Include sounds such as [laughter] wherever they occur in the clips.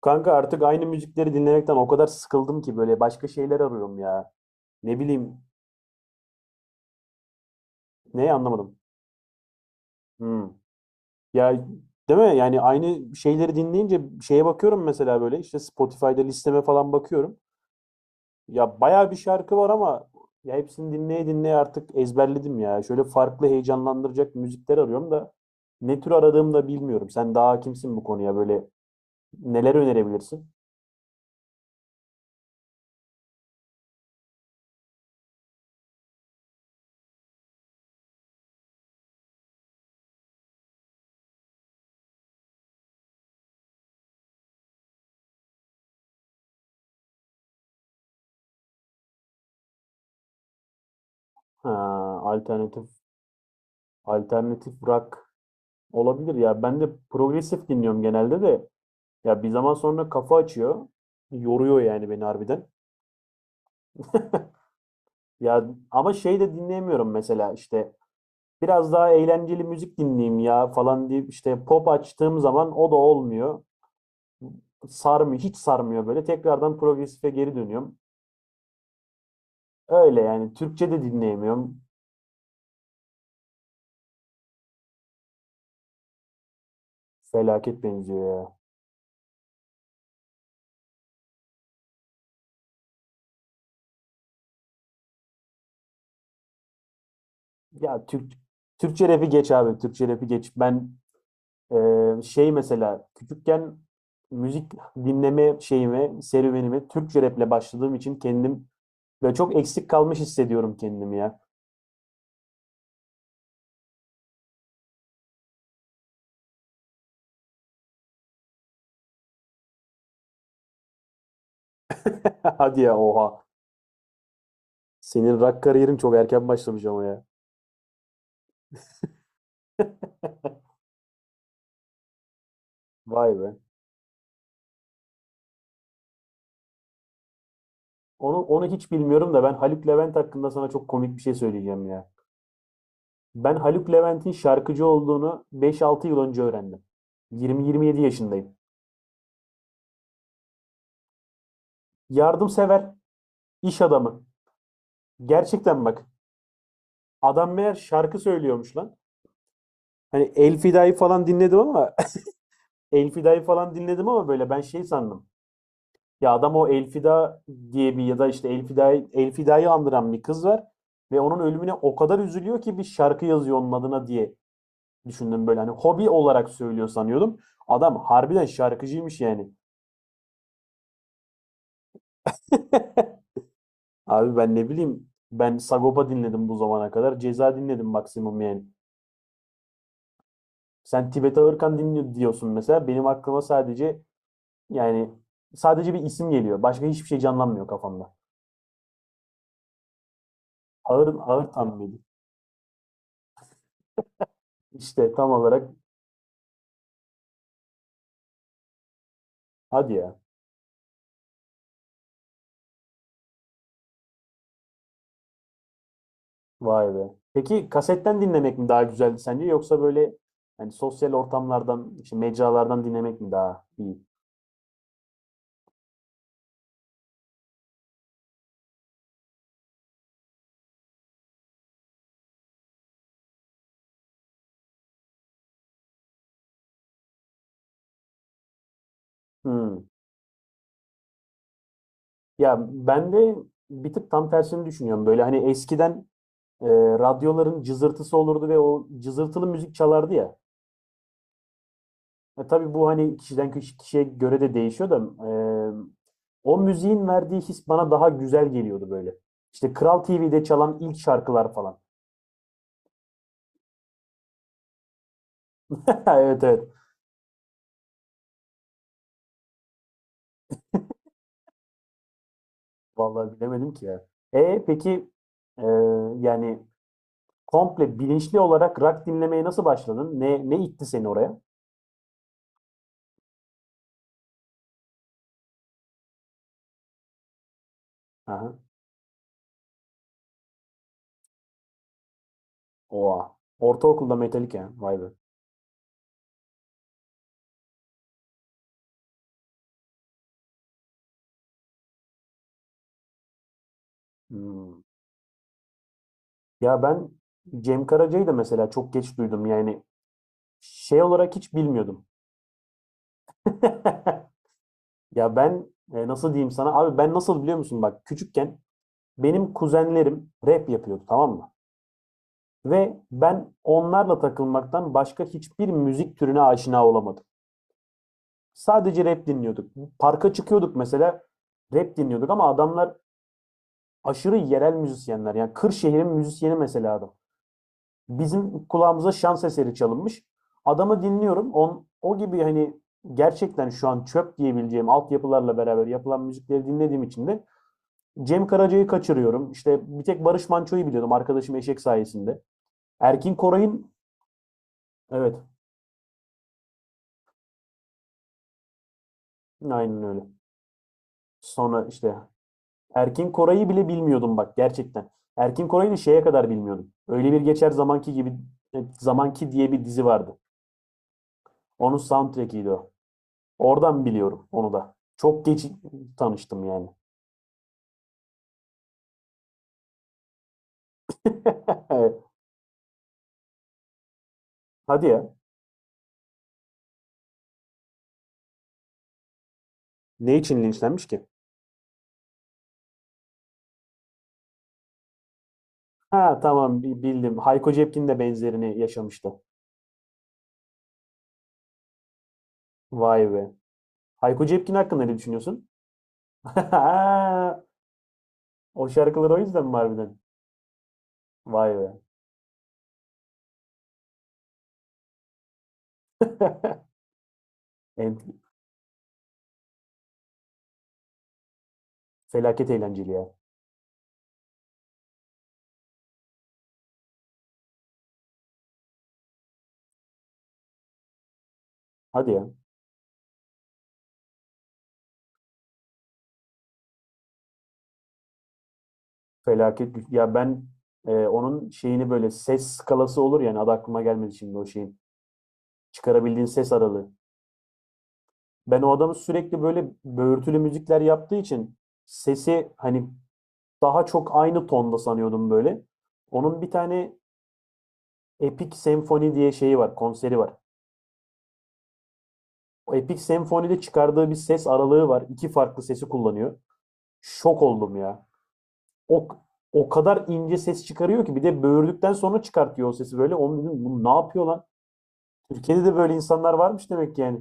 Kanka artık aynı müzikleri dinlemekten o kadar sıkıldım ki böyle başka şeyler arıyorum ya. Ne bileyim ne anlamadım. Hmm. Ya, değil mi? Yani aynı şeyleri dinleyince şeye bakıyorum, mesela böyle işte Spotify'da listeme falan bakıyorum. Ya bayağı bir şarkı var ama ya hepsini dinleye dinleye artık ezberledim ya. Şöyle farklı heyecanlandıracak müzikler arıyorum da ne tür aradığımı da bilmiyorum. Sen daha hakimsin bu konuya, böyle neler önerebilirsin? Ha, alternatif alternatif rock. Olabilir ya. Ben de progresif dinliyorum genelde de. Ya bir zaman sonra kafa açıyor. Yoruyor yani beni harbiden. [laughs] Ya, ama şey de dinleyemiyorum mesela, işte biraz daha eğlenceli müzik dinleyeyim ya falan deyip işte pop açtığım zaman o da olmuyor. Sarmıyor, hiç sarmıyor böyle. Tekrardan progresife geri dönüyorum. Öyle yani, Türkçe de dinleyemiyorum. Felaket benziyor ya. Ya Türk Türkçe rap'i geç abi. Türkçe rap'i geç. Ben Şey mesela küçükken müzik dinleme şeyimi, serüvenimi Türkçe raple başladığım için kendim ve çok eksik kalmış hissediyorum kendimi ya. [laughs] Hadi ya, oha. Senin rock kariyerin çok erken başlamış ama ya. Vay be. Onu hiç bilmiyorum da ben Haluk Levent hakkında sana çok komik bir şey söyleyeceğim ya. Ben Haluk Levent'in şarkıcı olduğunu 5-6 yıl önce öğrendim. 20-27 yaşındayım. Yardımsever, iş adamı. Gerçekten bak. Adam meğer şarkı söylüyormuş lan. Hani El Fida'yı falan dinledim ama [laughs] El Fida'yı falan dinledim ama böyle ben şey sandım. Ya adam o El Fida diye bir, ya da işte El Fida'yı, andıran bir kız var ve onun ölümüne o kadar üzülüyor ki bir şarkı yazıyor onun adına diye düşündüm, böyle hani hobi olarak söylüyor sanıyordum. Adam harbiden şarkıcıymış yani. [laughs] Abi ben ne bileyim, ben Sagopa dinledim bu zamana kadar. Ceza dinledim maksimum yani. Sen Tibet Ağırkan dinliyor diyorsun mesela. Benim aklıma sadece Yani sadece bir isim geliyor. Başka hiçbir şey canlanmıyor kafamda. Ağır tam mıydı? İşte tam olarak hadi ya. Vay be. Peki kasetten dinlemek mi daha güzeldi sence, yoksa böyle hani sosyal ortamlardan, işte mecralardan dinlemek mi daha iyi? Hmm. Ya ben de bir tık tam tersini düşünüyorum. Böyle hani eskiden e, radyoların cızırtısı olurdu ve o cızırtılı müzik çalardı ya. E, tabii bu hani kişiye göre de değişiyor da e, o müziğin verdiği his bana daha güzel geliyordu böyle. İşte Kral TV'de çalan ilk şarkılar falan. [laughs] Evet, evet. Vallahi bilemedim ki ya. E peki e, yani komple bilinçli olarak rock dinlemeye nasıl başladın? Ne itti seni oraya? Aha. Oha. Ortaokulda Metallica, ha. Vay be. Hmm. Ya ben Cem Karaca'yı da mesela çok geç duydum. Yani şey olarak hiç bilmiyordum. [laughs] Ya ben, nasıl diyeyim sana? Abi, ben nasıl biliyor musun? Bak küçükken benim kuzenlerim rap yapıyordu, tamam mı? Ve ben onlarla takılmaktan başka hiçbir müzik türüne aşina olamadım. Sadece rap dinliyorduk. Parka çıkıyorduk mesela, rap dinliyorduk ama adamlar aşırı yerel müzisyenler. Yani Kırşehir'in müzisyeni mesela adam. Bizim kulağımıza şans eseri çalınmış. Adamı dinliyorum. O gibi hani gerçekten şu an çöp diyebileceğim altyapılarla beraber yapılan müzikleri dinlediğim için de Cem Karaca'yı kaçırıyorum. İşte bir tek Barış Manço'yu biliyordum arkadaşım Eşek sayesinde. Erkin Koray'ın evet, aynen öyle. Sonra işte Erkin Koray'ı bile bilmiyordum bak, gerçekten. Erkin Koray'ı şeye kadar bilmiyordum. Öyle bir geçer zamanki gibi, zamanki diye bir dizi vardı. Onun soundtrack'iydi o. Oradan biliyorum onu da. Çok geç tanıştım yani. [laughs] Hadi ya. Ne için linçlenmiş ki? Ha, tamam bildim. Hayko Cepkin de benzerini yaşamıştı. Vay be. Hayko Cepkin hakkında ne düşünüyorsun? [laughs] O şarkılar o yüzden mi harbiden? Vay be. [laughs] En, felaket eğlenceli ya. Hadi ya. Felaket. Ya ben, onun şeyini, böyle ses skalası olur yani, adı aklıma gelmedi şimdi o şeyin. Çıkarabildiğin ses aralığı. Ben o adamı sürekli böyle böğürtülü müzikler yaptığı için sesi hani daha çok aynı tonda sanıyordum böyle. Onun bir tane Epic Senfoni diye şeyi var, konseri var. O Epic Senfoni'de çıkardığı bir ses aralığı var. İki farklı sesi kullanıyor. Şok oldum ya. O o kadar ince ses çıkarıyor ki bir de böğürdükten sonra çıkartıyor o sesi böyle. Onu dedim, bu ne yapıyor lan? Türkiye'de de böyle insanlar varmış demek ki yani.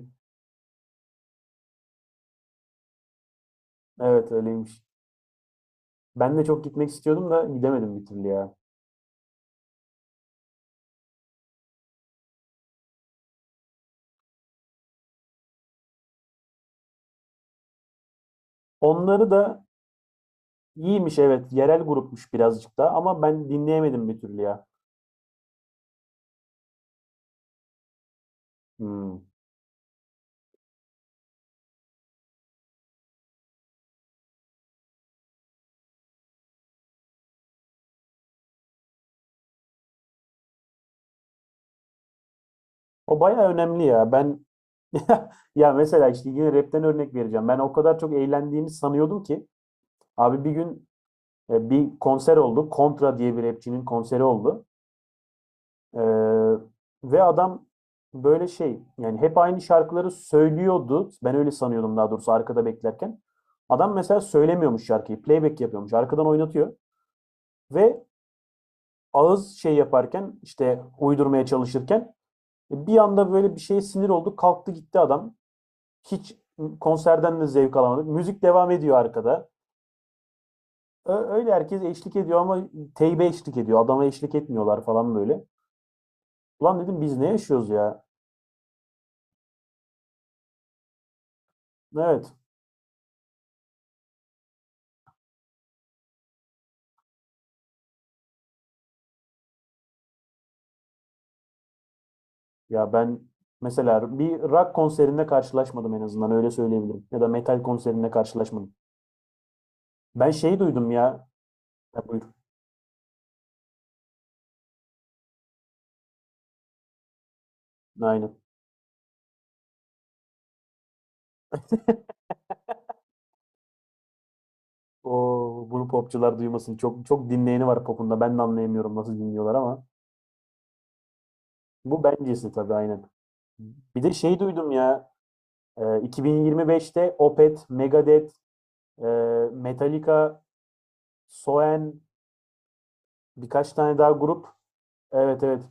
Evet, öyleymiş. Ben de çok gitmek istiyordum da gidemedim bir türlü ya. Onları da iyiymiş evet. Yerel grupmuş birazcık da ama ben dinleyemedim bir türlü ya. Hmm. O baya önemli ya. Ben [laughs] ya mesela işte yine rapten örnek vereceğim. Ben o kadar çok eğlendiğimi sanıyordum ki abi bir gün bir konser oldu. Kontra diye bir rapçinin konseri oldu. Ee, Ve adam böyle şey yani hep aynı şarkıları söylüyordu. Ben öyle sanıyordum, daha doğrusu arkada beklerken. Adam mesela söylemiyormuş şarkıyı. Playback yapıyormuş. Arkadan oynatıyor. Ve ağız şey yaparken, işte uydurmaya çalışırken bir anda böyle bir şeye sinir oldu. Kalktı gitti adam. Hiç konserden de zevk alamadık. Müzik devam ediyor arkada. Öyle herkes eşlik ediyor ama teybe eşlik ediyor. Adama eşlik etmiyorlar falan böyle. Ulan dedim, biz ne yaşıyoruz ya? Evet. Ya ben mesela bir rock konserinde karşılaşmadım, en azından öyle söyleyebilirim. Ya da metal konserinde karşılaşmadım. Ben şey duydum ya. Ha, buyur. Aynen. O, bunu popçular duymasın. Çok çok dinleyeni var popunda. Ben de anlayamıyorum nasıl dinliyorlar ama. Bu bencesi tabii, aynen. Bir de şey duydum ya. 2025'te Opeth, Megadeth, e, Metallica, Soen, birkaç tane daha grup. Evet, evet.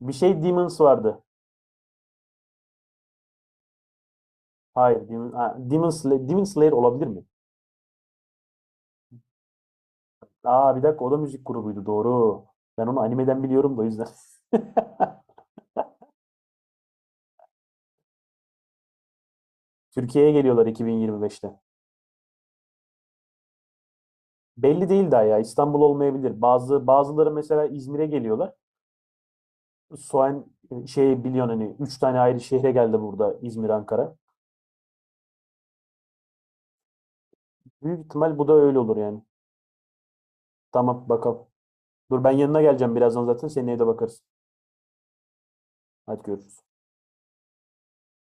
Bir şey Demons vardı. Hayır. Demon Slayer, Demon Slayer olabilir mi? Aa bir dakika, o da müzik grubuydu doğru. Ben onu animeden biliyorum da, o yüzden. [laughs] Türkiye'ye geliyorlar 2025'te. Belli değil daha ya, İstanbul olmayabilir. Bazıları mesela İzmir'e geliyorlar. Soğan Şey biliyorsun hani 3 tane ayrı şehre geldi burada, İzmir, Ankara. Büyük ihtimal bu da öyle olur yani. Tamam, bakalım. Dur ben yanına geleceğim birazdan, zaten seneye de bakarız. Hadi görüşürüz.